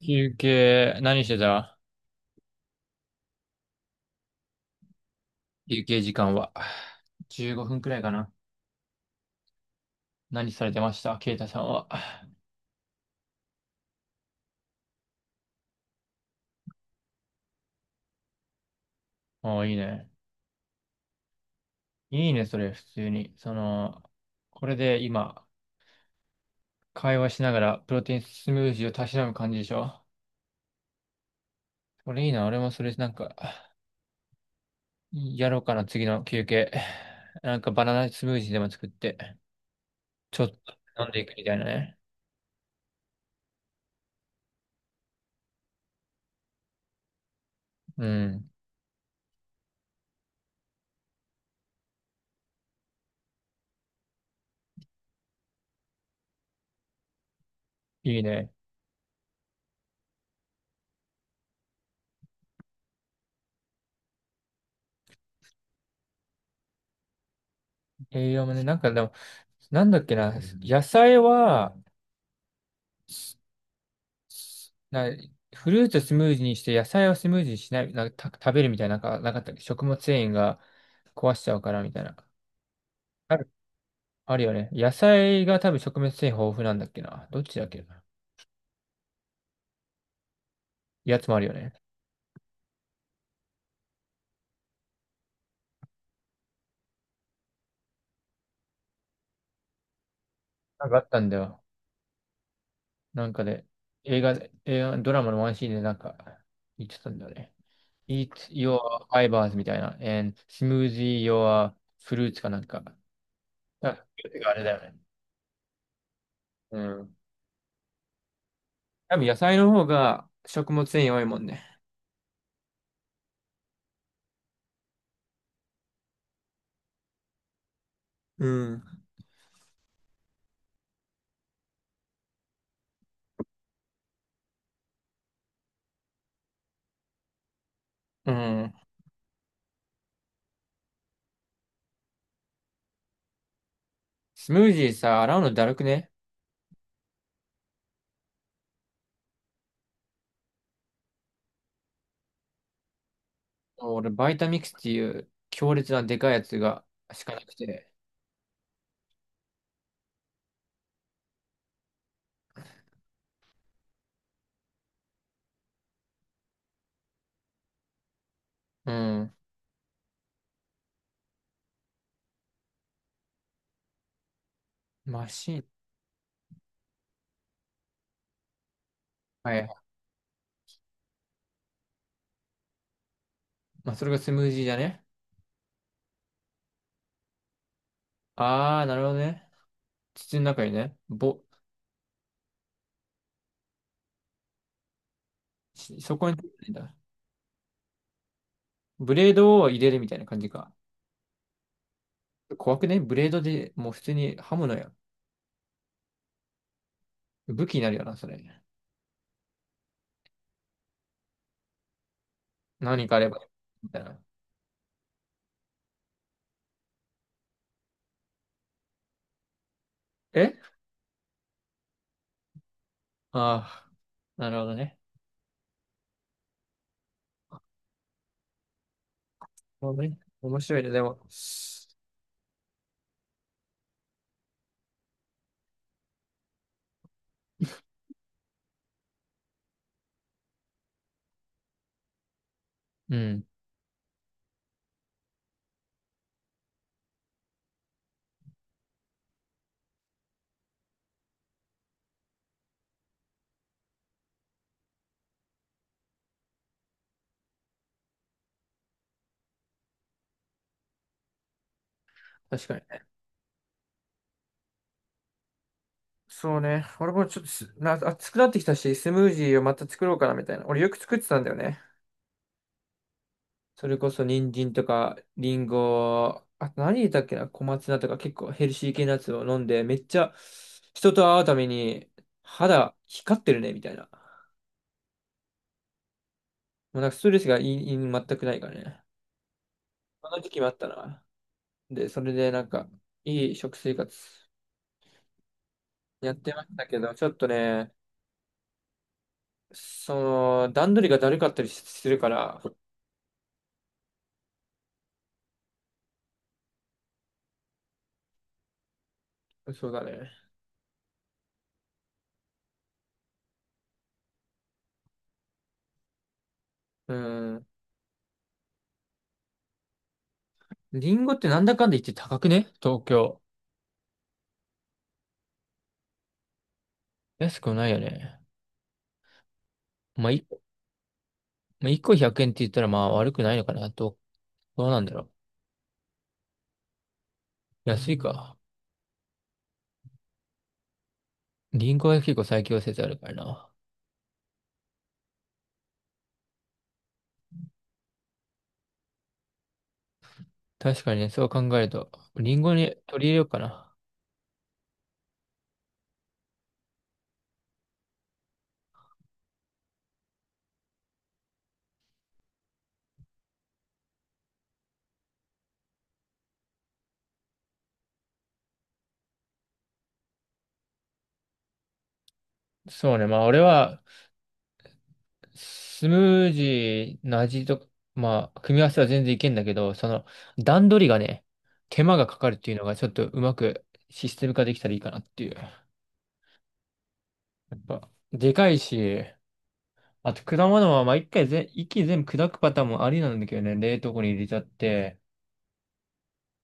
休憩、何してた休憩時間は。15分くらいかな。何されてましたケイタさんは。ああ、いいね。いいね、それ、普通に。これで今、会話しながら、プロテインスムージーをたしなむ感じでしょ。これいいな、俺もそれ、やろうかな、次の休憩。なんか、バナナスムージーでも作って、ちょっと飲んでいくみたいなね。うん、いいね。栄養もね、なんかでも、なんだっけな、野菜は、な、フルーツをスムージーにして野菜をスムージーにしない、食べるみたいな、なんかなかったっけ食物繊維が壊しちゃうからみたいな。ある、あるよね。野菜が多分食物繊維豊富なんだっけな。どっちだっけな。やつもあるよね。なんかあったんだよ。なんかで、映画、映画、ドラマのワンシーンでなんか言ってたんだよね。Eat your fibers みたいな。And smoothie your fruits かなんか。あ、フルーツがあれだよね。うん。多分野菜の方が食物繊維多いもんね。うん。うん。スムージーさ、洗うのだるくね。俺、バイタミックスっていう強烈なでかいやつがしかなくて。うん。マシン。はい。まあ、それがスムージーじゃね。あー、なるほどね。筒の中にね。ぼ、しそこに、んだ。ブレードを入れるみたいな感じか。怖くねブレードでもう普通に刃物や。武器になるよな、それ。何かあれば。みたいな。えああー、なるほどね。なるほどね、面白いね。でも、うん。確かに。そうね。俺もちょっと暑くなってきたし、スムージーをまた作ろうかなみたいな。俺よく作ってたんだよね。それこそ人参とか、リンゴ、あと何入れたっけな、小松菜とか結構ヘルシー系のやつを飲んで、めっちゃ人と会うために肌光ってるねみたいな。もうなんかストレスがいい、いい全くないからね。この時期もあったな。で、それでなんか、いい食生活やってましたけど、ちょっとね、その、段取りがだるかったりするから。そうだね。うん。リンゴってなんだかんだ言って高くね東京。安くないよね。まあ、い、まあ、1個100円って言ったらまあ悪くないのかなと。どうなんだろう。安いか。リンゴは結構最強説あるからな。確かにね、そう考えると、リンゴに取り入れようかな。そうね、まあ俺は、スムージーの味と、まあ、組み合わせは全然いけんだけど、その、段取りがね、手間がかかるっていうのがちょっとうまくシステム化できたらいいかなっていう。やっぱ、でかいし、あと、果物は、まあ、一回ぜ、一気に全部砕くパターンもありなんだけどね、冷凍庫に入れちゃって、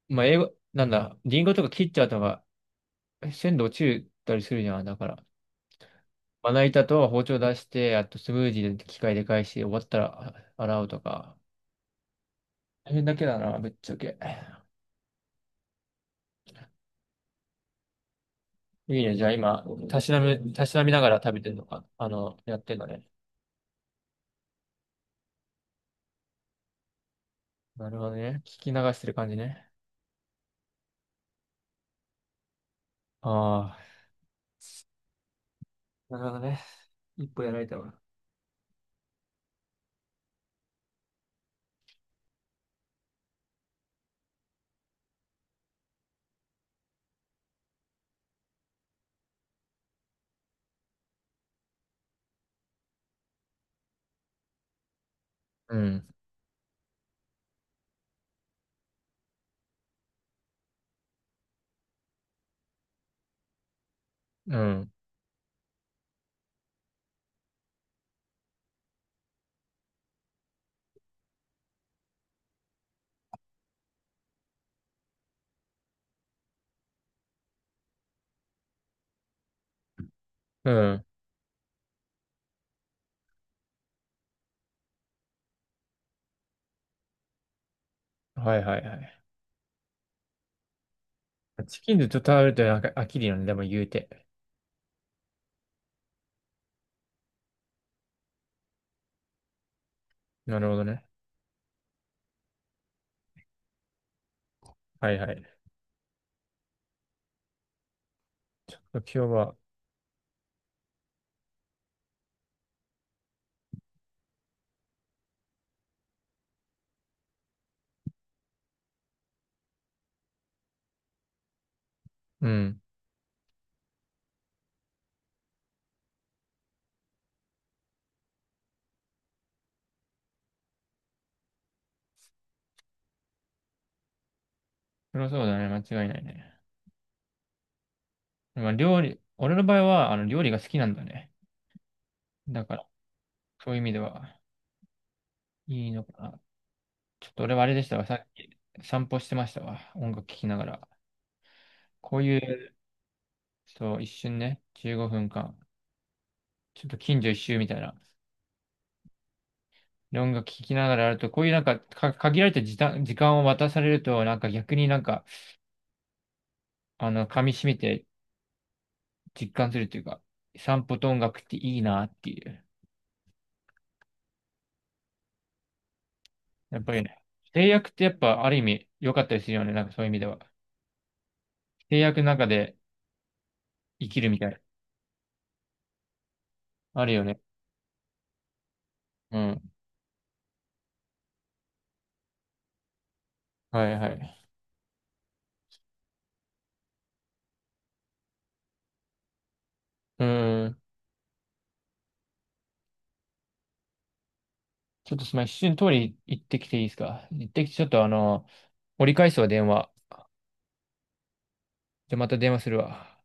まあ、英語、なんだ、リンゴとか切っちゃうとか、鮮度落ちたりするじゃん。だから、まな板と包丁出して、あとスムージーで機械で返して、終わったら洗うとか。大変だけだな、ぶっちゃけ。いいね、じゃあ今、たしなみながら食べてるのか、あの、やってんのね。なるほどね。聞き流してる感じね。ああ。なるほどね。一歩やられたわ。うん、うん、うん。はいはいはい。チキンでちょっと食べると飽きるよね、でも言うて。なるほどね。はいはい。今日は、うん。そりゃそうだね、間違いないね。まあ、料理、俺の場合は、あの、料理が好きなんだね。だから、そういう意味では、いいのかな。ちょっと俺はあれでしたわ、さっき散歩してましたわ、音楽聴きながら。こういう、そう、一瞬ね、15分間、ちょっと近所一周みたいな。で音楽聴きながらやると、こういうなんか、限られた時間を渡されると、なんか逆になんか、あの、噛み締めて実感するというか、散歩と音楽っていいなっていう。やっぱりね、制約ってやっぱある意味良かったりするよね。なんかそういう意味では。制約の中で生きるみたいな。あるよね。うん。はいはい。うーん。ちょっとすみません。一瞬通り行ってきていいですか行ってきて、ちょっとあの、折り返すわ、電話。じゃあまた電話するわ。